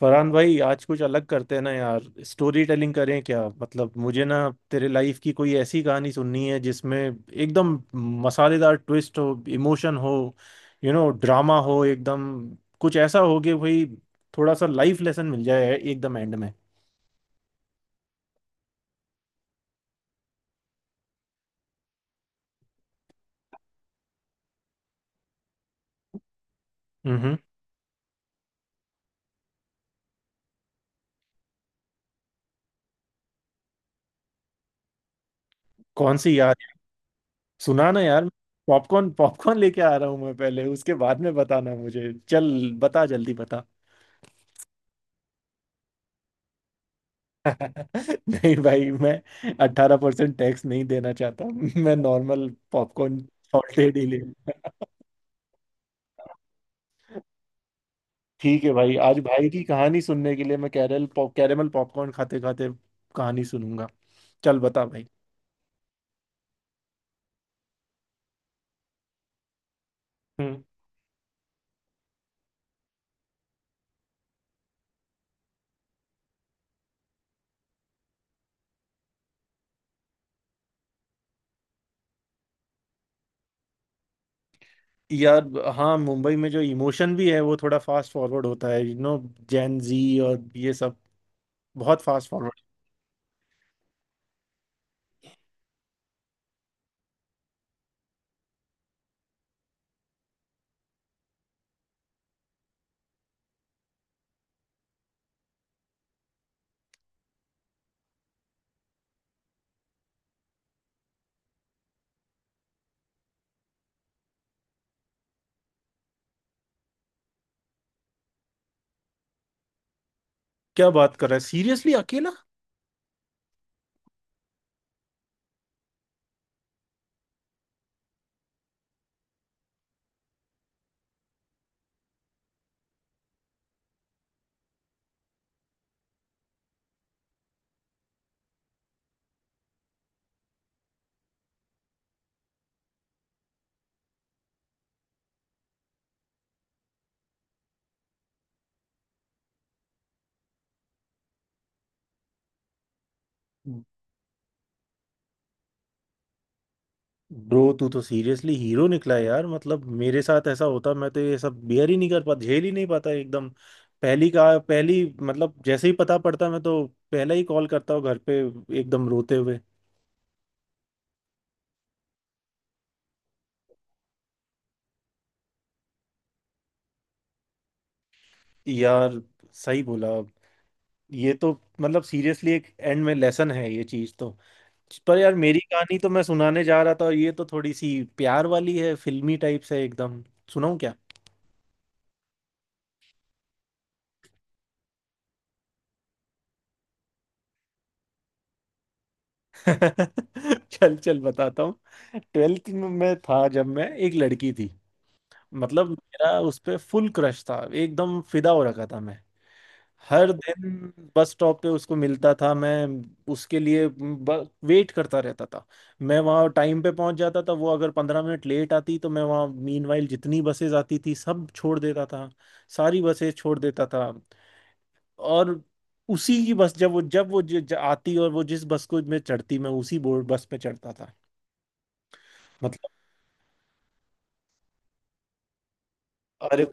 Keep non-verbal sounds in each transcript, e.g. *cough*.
फरहान भाई, आज कुछ अलग करते हैं ना यार। स्टोरी टेलिंग करें क्या? मतलब मुझे ना तेरे लाइफ की कोई ऐसी कहानी सुननी है जिसमें एकदम मसालेदार ट्विस्ट हो, इमोशन हो, यू नो ड्रामा हो, एकदम कुछ ऐसा हो कि भाई थोड़ा सा लाइफ लेसन मिल जाए एकदम एंड में। हम्म। कौन सी यार? सुना ना यार। पॉपकॉर्न पॉपकॉर्न लेके आ रहा हूँ मैं पहले, उसके बाद में बताना मुझे। चल बता, जल्दी बता। *laughs* नहीं भाई, मैं 18% टैक्स नहीं देना चाहता। मैं नॉर्मल पॉपकॉर्न सॉल्टेड ही ले। ठीक है भाई, आज भाई की कहानी सुनने के लिए मैं कैरल पॉप कैरेमल पॉपकॉर्न खाते खाते कहानी सुनूंगा। चल बता भाई। हम्म। यार, हाँ, मुंबई में जो इमोशन भी है वो थोड़ा फास्ट फॉरवर्ड होता है, यू नो, जैन जी और ये सब। बहुत फास्ट फॉरवर्ड। क्या बात कर रहा है सीरियसली? अकेला? ब्रो, तू तो सीरियसली हीरो निकला यार। मतलब मेरे साथ ऐसा होता मैं तो ये सब बियर ही नहीं कर पाता, झेल ही नहीं पाता एकदम। पहली का पहली मतलब जैसे ही पता पड़ता मैं तो पहला ही कॉल करता हूँ घर पे, एकदम रोते हुए। यार सही बोला। ये तो, मतलब सीरियसली एक एंड में लेसन है ये चीज तो। पर यार मेरी कहानी तो मैं सुनाने जा रहा था, और ये तो थोड़ी सी प्यार वाली है, फिल्मी टाइप से एकदम। सुनाऊं क्या? *laughs* चल चल बताता हूँ। ट्वेल्थ में मैं था जब मैं एक लड़की थी। मतलब मेरा उस पे फुल क्रश था, एकदम फिदा हो रखा था मैं। हर दिन बस स्टॉप पे उसको मिलता था मैं, उसके लिए वेट करता रहता था। मैं वहाँ टाइम पे पहुंच जाता था, वो अगर 15 मिनट लेट आती तो मैं वहाँ मीनवाइल जितनी बसेज आती थी सब छोड़ देता था, सारी बसेज छोड़ देता था। और उसी की बस, जब वो ज, ज, आती और वो जिस बस को मैं चढ़ती मैं उसी बोर्ड बस पे चढ़ता था। मतलब, अरे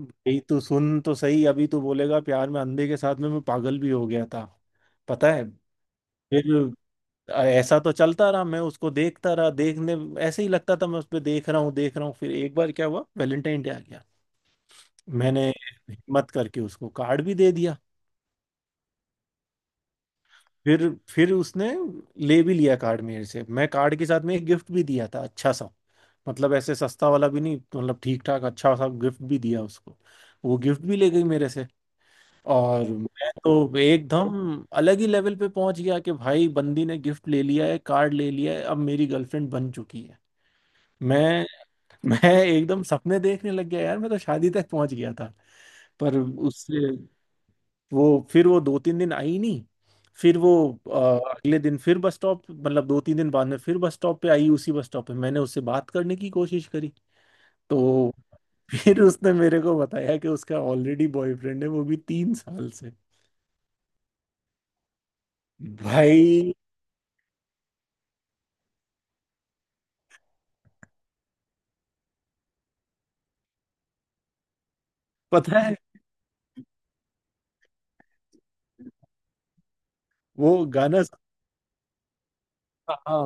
भाई तू सुन तो सही, अभी तू बोलेगा प्यार में अंधे के साथ में मैं पागल भी हो गया था। पता है, फिर ऐसा तो चलता रहा, मैं उसको देखता रहा, देखने ऐसे ही लगता था मैं उस पर देख रहा हूँ देख रहा हूँ। फिर एक बार क्या हुआ, वैलेंटाइन डे आ गया। मैंने हिम्मत करके उसको कार्ड भी दे दिया। फिर उसने ले भी लिया कार्ड मेरे से। मैं कार्ड के साथ में एक गिफ्ट भी दिया था, अच्छा सा। मतलब ऐसे सस्ता वाला भी नहीं, मतलब ठीक ठाक अच्छा सा गिफ्ट भी दिया उसको। वो गिफ्ट भी ले गई मेरे से। और मैं तो एकदम अलग ही लेवल पे पहुंच गया कि भाई बंदी ने गिफ्ट ले लिया है, कार्ड ले लिया है, अब मेरी गर्लफ्रेंड बन चुकी है। मैं मैं एकदम सपने देखने लग गया यार, मैं तो शादी तक पहुंच गया था। पर उससे, वो फिर वो 2-3 दिन आई नहीं। फिर वो, अगले दिन फिर बस स्टॉप, मतलब 2-3 दिन बाद में फिर बस स्टॉप पे आई। उसी बस स्टॉप पे मैंने उससे बात करने की कोशिश करी। तो फिर उसने मेरे को बताया कि उसका ऑलरेडी बॉयफ्रेंड है, वो भी 3 साल से। भाई, पता है, वो गाना सु- हाँ,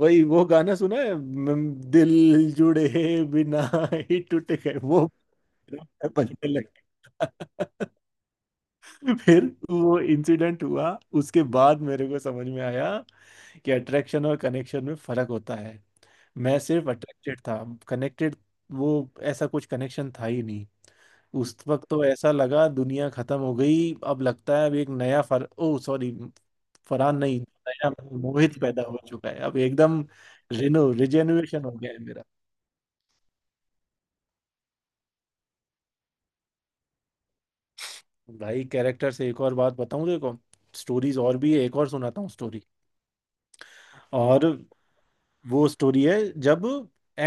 वही वो गाना सुना है, दिल जुड़े बिना ही टूट गए, वो बनने लगे। *laughs* फिर वो इंसिडेंट हुआ, उसके बाद मेरे को समझ में आया कि अट्रैक्शन और कनेक्शन में फर्क होता है। मैं सिर्फ अट्रैक्टेड था, कनेक्टेड, वो ऐसा कुछ कनेक्शन था ही नहीं। उस वक्त तो ऐसा लगा दुनिया खत्म हो गई, अब लगता है अब एक नया फर ओ सॉरी फरहान नहीं, नया मोहित पैदा हो चुका है अब, एकदम रिनो रिजेन्युएशन हो गया है मेरा। भाई कैरेक्टर से एक और बात बताऊं, देखो स्टोरीज और भी है, एक और सुनाता हूँ स्टोरी। और वो स्टोरी है जब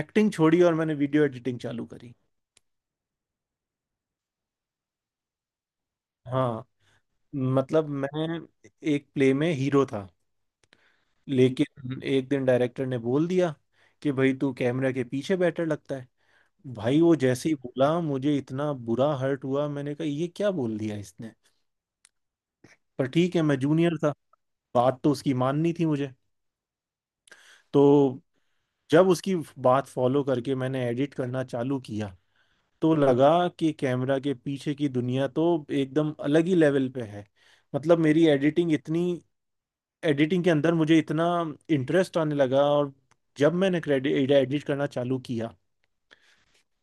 एक्टिंग छोड़ी और मैंने वीडियो एडिटिंग चालू करी। हाँ, मतलब मैं एक प्ले में हीरो था, लेकिन एक दिन डायरेक्टर ने बोल दिया कि भाई तू कैमरा के पीछे बेटर लगता है। भाई वो जैसे ही बोला मुझे इतना बुरा हर्ट हुआ, मैंने कहा ये क्या बोल दिया इसने। पर ठीक है, मैं जूनियर था, बात तो उसकी माननी थी मुझे। तो जब उसकी बात फॉलो करके मैंने एडिट करना चालू किया, तो लगा कि कैमरा के पीछे की दुनिया तो एकदम अलग ही लेवल पे है। मतलब मेरी एडिटिंग इतनी, एडिटिंग के अंदर मुझे इतना इंटरेस्ट आने लगा। और जब मैंने क्रेडिट एडिट करना चालू किया,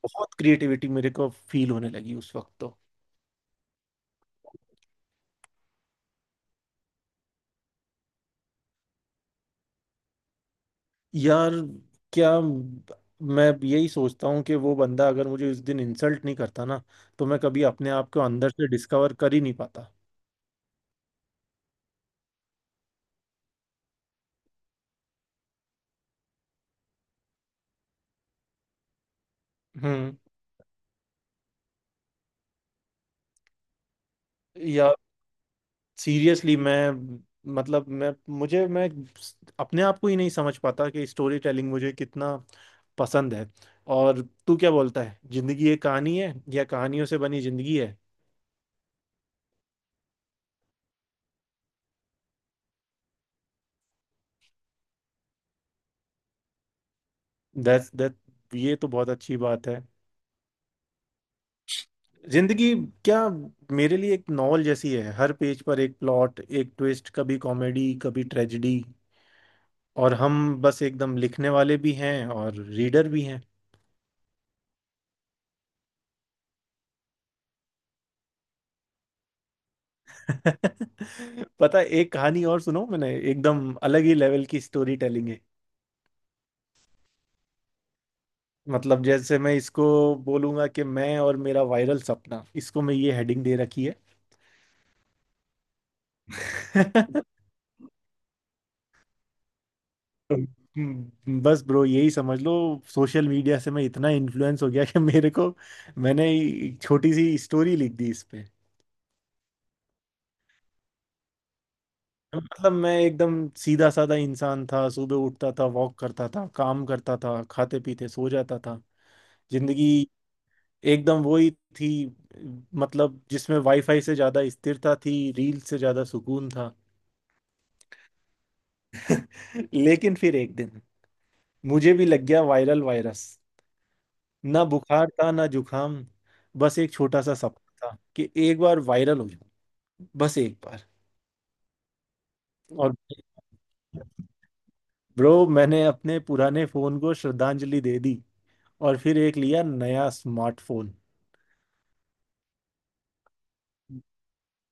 बहुत क्रिएटिविटी मेरे को फील होने लगी उस वक्त तो। यार क्या, मैं यही सोचता हूँ कि वो बंदा अगर मुझे उस दिन इंसल्ट नहीं करता ना, तो मैं कभी अपने आप को अंदर से डिस्कवर कर ही नहीं पाता। हम्म। या सीरियसली मैं, मतलब मैं, मुझे मैं अपने आप को ही नहीं समझ पाता कि स्टोरी टेलिंग मुझे कितना पसंद है। और तू क्या बोलता है, जिंदगी एक कहानी है या कहानियों से बनी जिंदगी है। दैट दैट ये तो बहुत अच्छी बात है। जिंदगी क्या मेरे लिए एक नॉवल जैसी है, हर पेज पर एक प्लॉट, एक ट्विस्ट, कभी कॉमेडी, कभी ट्रेजेडी। और हम बस एकदम लिखने वाले भी हैं और रीडर भी हैं। *laughs* पता है, एक कहानी और सुनो, मैंने एकदम अलग ही लेवल की स्टोरी टेलिंग है। मतलब जैसे मैं इसको बोलूंगा कि मैं और मेरा वायरल सपना, इसको मैं ये हेडिंग दे रखी है। *laughs* बस ब्रो यही समझ लो, सोशल मीडिया से मैं इतना इन्फ्लुएंस हो गया कि मेरे को, मैंने एक छोटी सी स्टोरी लिख दी इस पे। मतलब मैं एकदम सीधा साधा इंसान था, सुबह उठता था, वॉक करता था, काम करता था, खाते पीते सो जाता था। जिंदगी एकदम वही थी, मतलब जिसमें वाईफाई से ज्यादा स्थिरता थी, रील से ज्यादा सुकून था। *laughs* लेकिन फिर एक दिन मुझे भी लग गया वायरल वायरस। ना बुखार था ना जुखाम, बस एक छोटा सा सपना था कि एक बार वायरल हो जाऊं, बस एक बार। और ब्रो मैंने अपने पुराने फोन को श्रद्धांजलि दे दी, और फिर एक लिया नया स्मार्टफोन।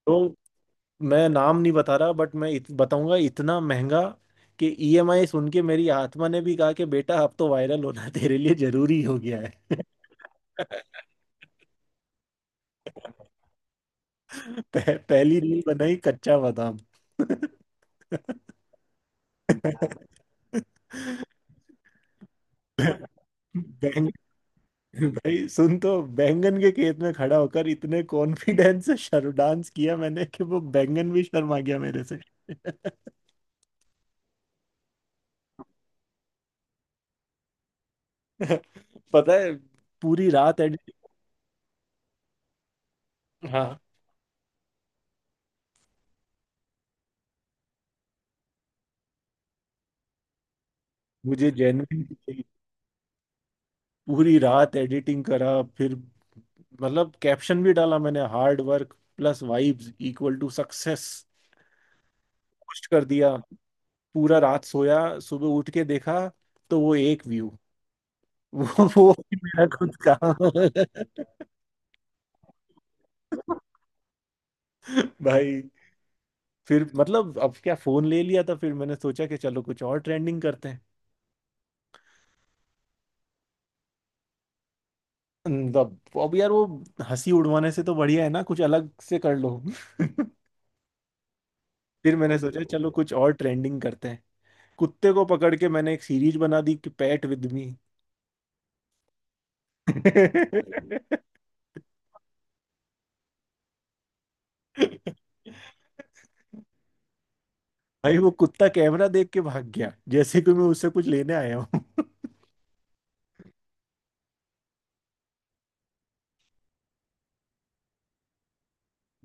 तो मैं नाम नहीं बता रहा, बट मैं बताऊंगा इतना महंगा कि ईएमआई सुन के मेरी आत्मा ने भी कहा कि बेटा अब तो वायरल होना *laughs* तेरे लिए जरूरी हो गया है। *laughs* पहली रील बनाई, कच्चा बादाम। *laughs* बैंग भाई सुन तो, बैंगन के खेत में खड़ा होकर इतने कॉन्फिडेंस से शर्म डांस किया मैंने कि वो बैंगन भी शर्मा गया मेरे से। *laughs* पता है, पूरी रात एडिट, हाँ, मुझे जेन्युइन पूरी रात एडिटिंग करा। फिर मतलब कैप्शन भी डाला मैंने, hard work plus vibes equal to success. Post कर दिया, पूरा रात सोया, सुबह उठ के देखा, तो वो एक व्यू। *laughs* वो भी मेरा खुद का। *laughs* भाई, फिर मतलब अब क्या, फोन ले लिया था, फिर मैंने सोचा कि चलो कुछ और ट्रेंडिंग करते हैं। अब यार वो हंसी उड़वाने से तो बढ़िया है ना कुछ अलग से कर लो। *laughs* फिर मैंने सोचा चलो कुछ और ट्रेंडिंग करते हैं। कुत्ते को पकड़ के मैंने एक सीरीज बना दी कि पैट विद मी। *laughs* भाई वो कुत्ता कैमरा देख के भाग गया जैसे कि मैं उससे कुछ लेने आया हूँ। *laughs*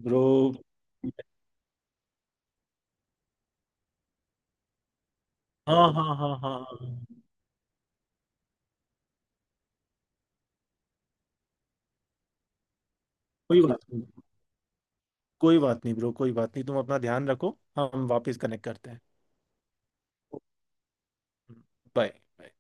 ब्रो, हाँ हाँ हाँ, हाँ हाँ। कोई बात नहीं, कोई बात नहीं ब्रो, कोई बात नहीं, तुम अपना ध्यान रखो, हम वापस कनेक्ट करते हैं। बाय।